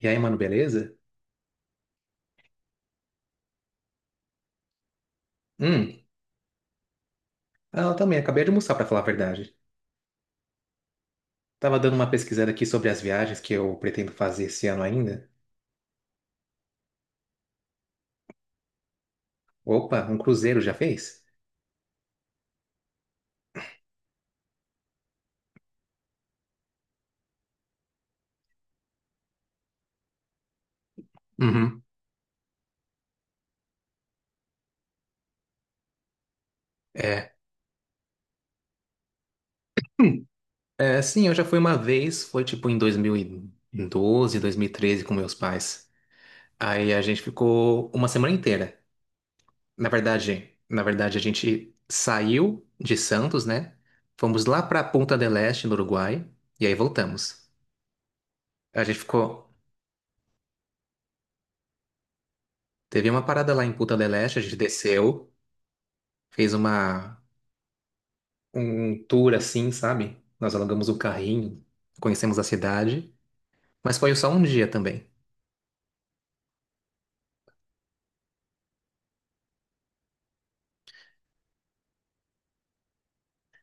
E aí, mano, beleza? Hum, ela também, acabei de almoçar, pra falar a verdade. Tava dando uma pesquisada aqui sobre as viagens que eu pretendo fazer esse ano ainda. Opa, um cruzeiro já fez? Uhum. É, sim, eu já fui uma vez, foi tipo em 2012, 2013 com meus pais. Aí a gente ficou uma semana inteira. Na verdade, a gente saiu de Santos, né? Fomos lá pra Punta del Este, no Uruguai, e aí voltamos. A gente ficou, teve uma parada lá em Punta del Este, a gente desceu. Fez uma Um tour assim, sabe? Nós alugamos o carrinho, conhecemos a cidade, mas foi só um dia também.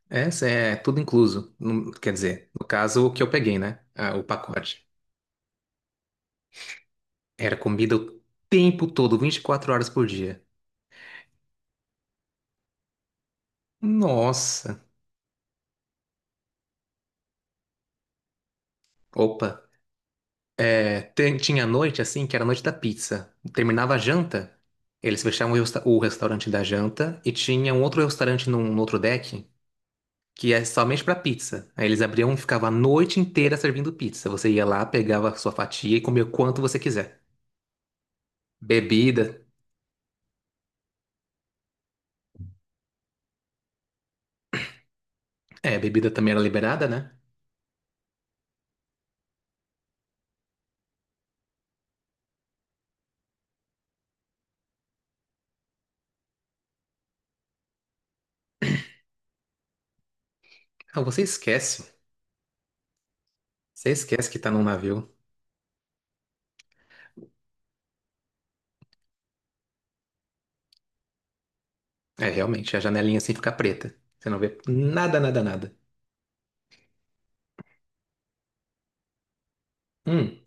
Essa é tudo incluso. Não- quer dizer, no caso o que eu peguei, né? Ah, o pacote. Era comida o tempo todo, 24 horas por dia. Nossa. Opa. É, tem- tinha noite assim, que era a noite da pizza. Terminava a janta, eles fechavam o, resta- o restaurante da janta e tinha um outro restaurante num, num outro deck que é somente pra pizza. Aí eles abriam e ficavam a noite inteira servindo pizza. Você ia lá, pegava a sua fatia e comia o quanto você quiser. Bebida, é, bebida também era liberada, né? Ah, você esquece. Você esquece que tá num navio. É, realmente, a janelinha assim fica preta. Você não vê nada, nada, nada. Hum,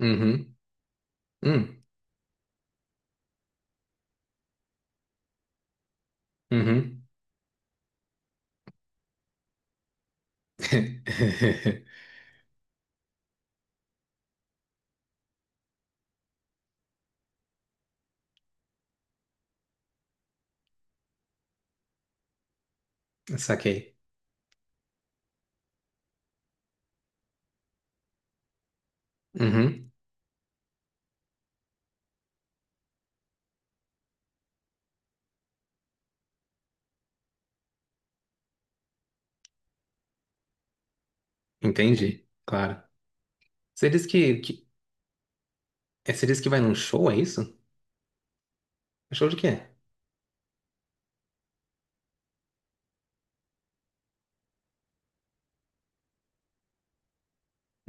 uhum, hum, uhum. Saquei. Uhum, entendi, claro. Você disse que, que, você disse que vai num show, é isso? Show de quê?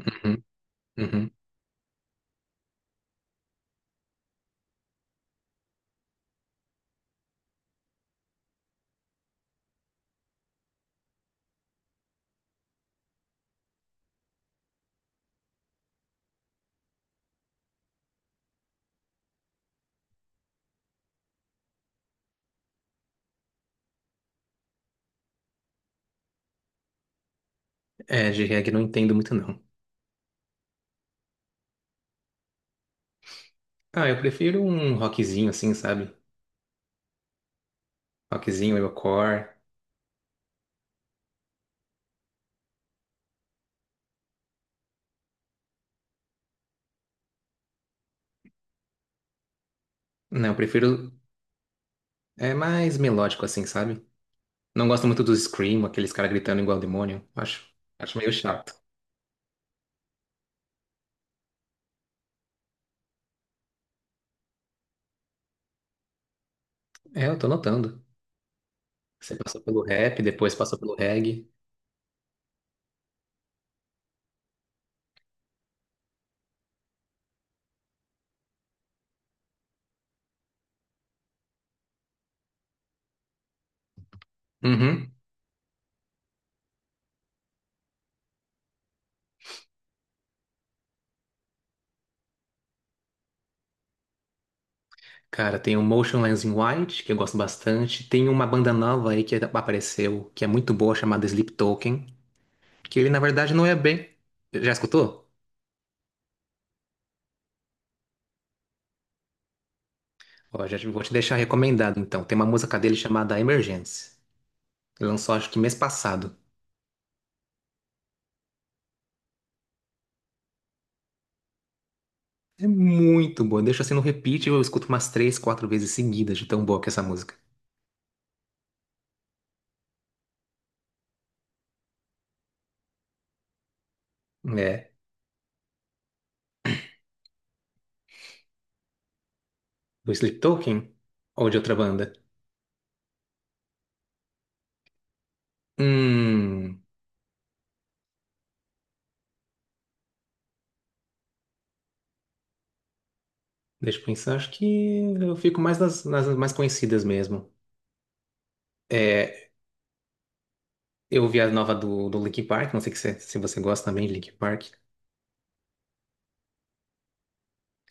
Uhum, uhum. É, de reggae não entendo muito, não. Ah, eu prefiro um rockzinho assim, sabe? Rockzinho, metalcore. Não, eu prefiro é mais melódico assim, sabe? Não gosto muito do scream, aqueles caras gritando igual demônio. Acho meio chato. É, eu tô notando. Você passou pelo rap, depois passou pelo reggae. Uhum. Cara, tem o Motionless in White, que eu gosto bastante. Tem uma banda nova aí que apareceu, que é muito boa, chamada Sleep Token, que ele na verdade não é bem. Já escutou? Ó, já te- vou te deixar recomendado então. Tem uma música dele chamada Emergence. Ele lançou acho que mês passado. É muito boa. Deixa assim no repeat, eu escuto umas três, quatro vezes seguidas de tão boa que é essa música. É. Do Sleep Token? Ou de outra banda? Hum. Deixa eu pensar, acho que eu fico mais nas mais conhecidas mesmo. É, eu ouvi a nova do, do Linkin Park, não sei que se você gosta também de Linkin Park.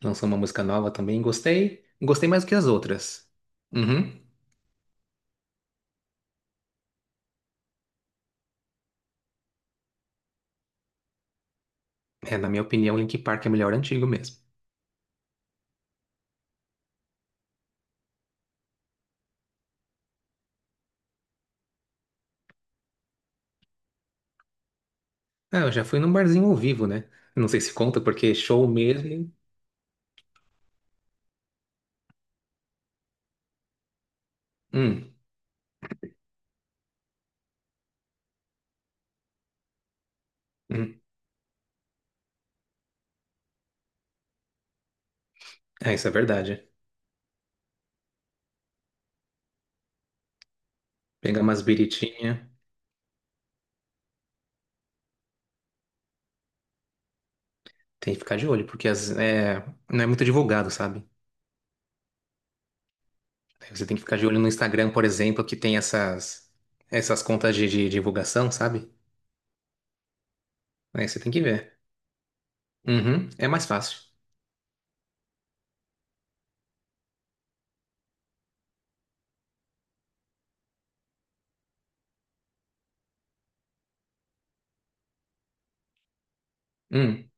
Lançou uma música nova também, gostei. Gostei mais do que as outras. Uhum. É, na minha opinião, Linkin Park é melhor antigo mesmo. Ah, eu já fui num barzinho ao vivo, né? Não sei se conta, porque show mesmo. Hum, hum. É, isso é verdade. Pegar umas biritinhas, tem que ficar de olho, porque não é muito divulgado, sabe? Aí você tem que ficar de olho no Instagram, por exemplo, que tem essas contas de divulgação, sabe? Aí você tem que ver. Uhum, é mais fácil. Hum,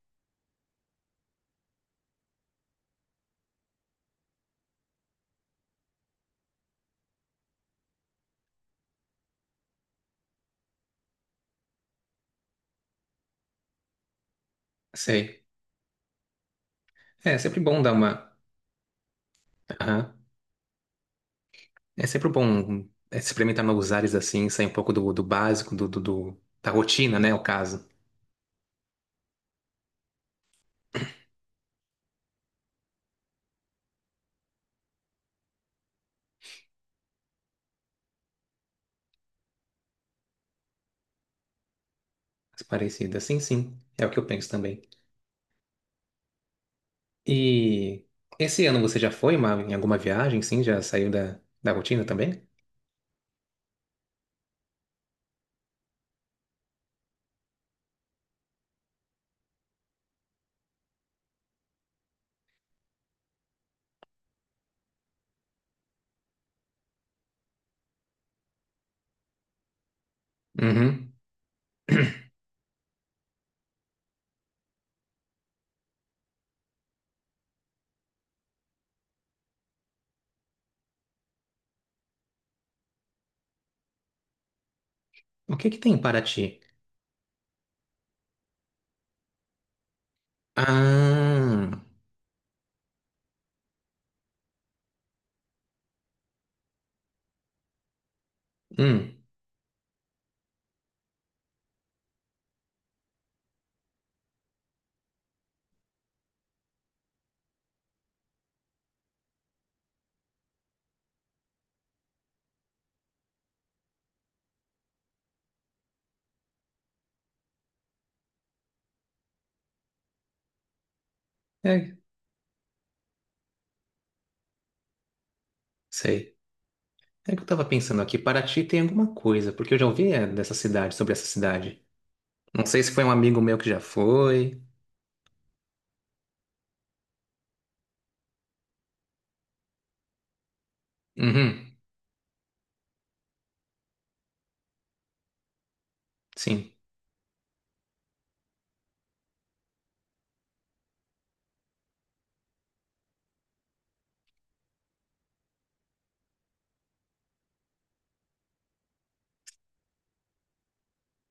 sei. É, é sempre bom dar uma. Aham. É sempre bom é, experimentar novos ares assim, sair um pouco do, do básico, do, do, do- da rotina, né? O caso. Parecida, sim, sim. É o que eu penso também. E esse ano você já foi uma- em alguma viagem, sim? Já saiu da, da rotina também? Uhum. O que que tem em Paraty? Ah, hum, é, sei. É que eu tava pensando aqui, Paraty tem alguma coisa, porque eu já ouvi é, dessa cidade, sobre essa cidade. Não sei se foi um amigo meu que já foi. Uhum, sim.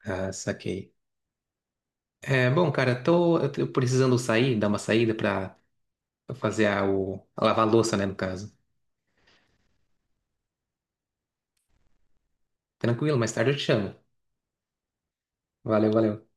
Ah, saquei. É, bom, cara, eu tô precisando sair, dar uma saída pra fazer a, o, a lavar a louça, né, no caso. Tranquilo, mais tarde eu te chamo. Valeu, valeu.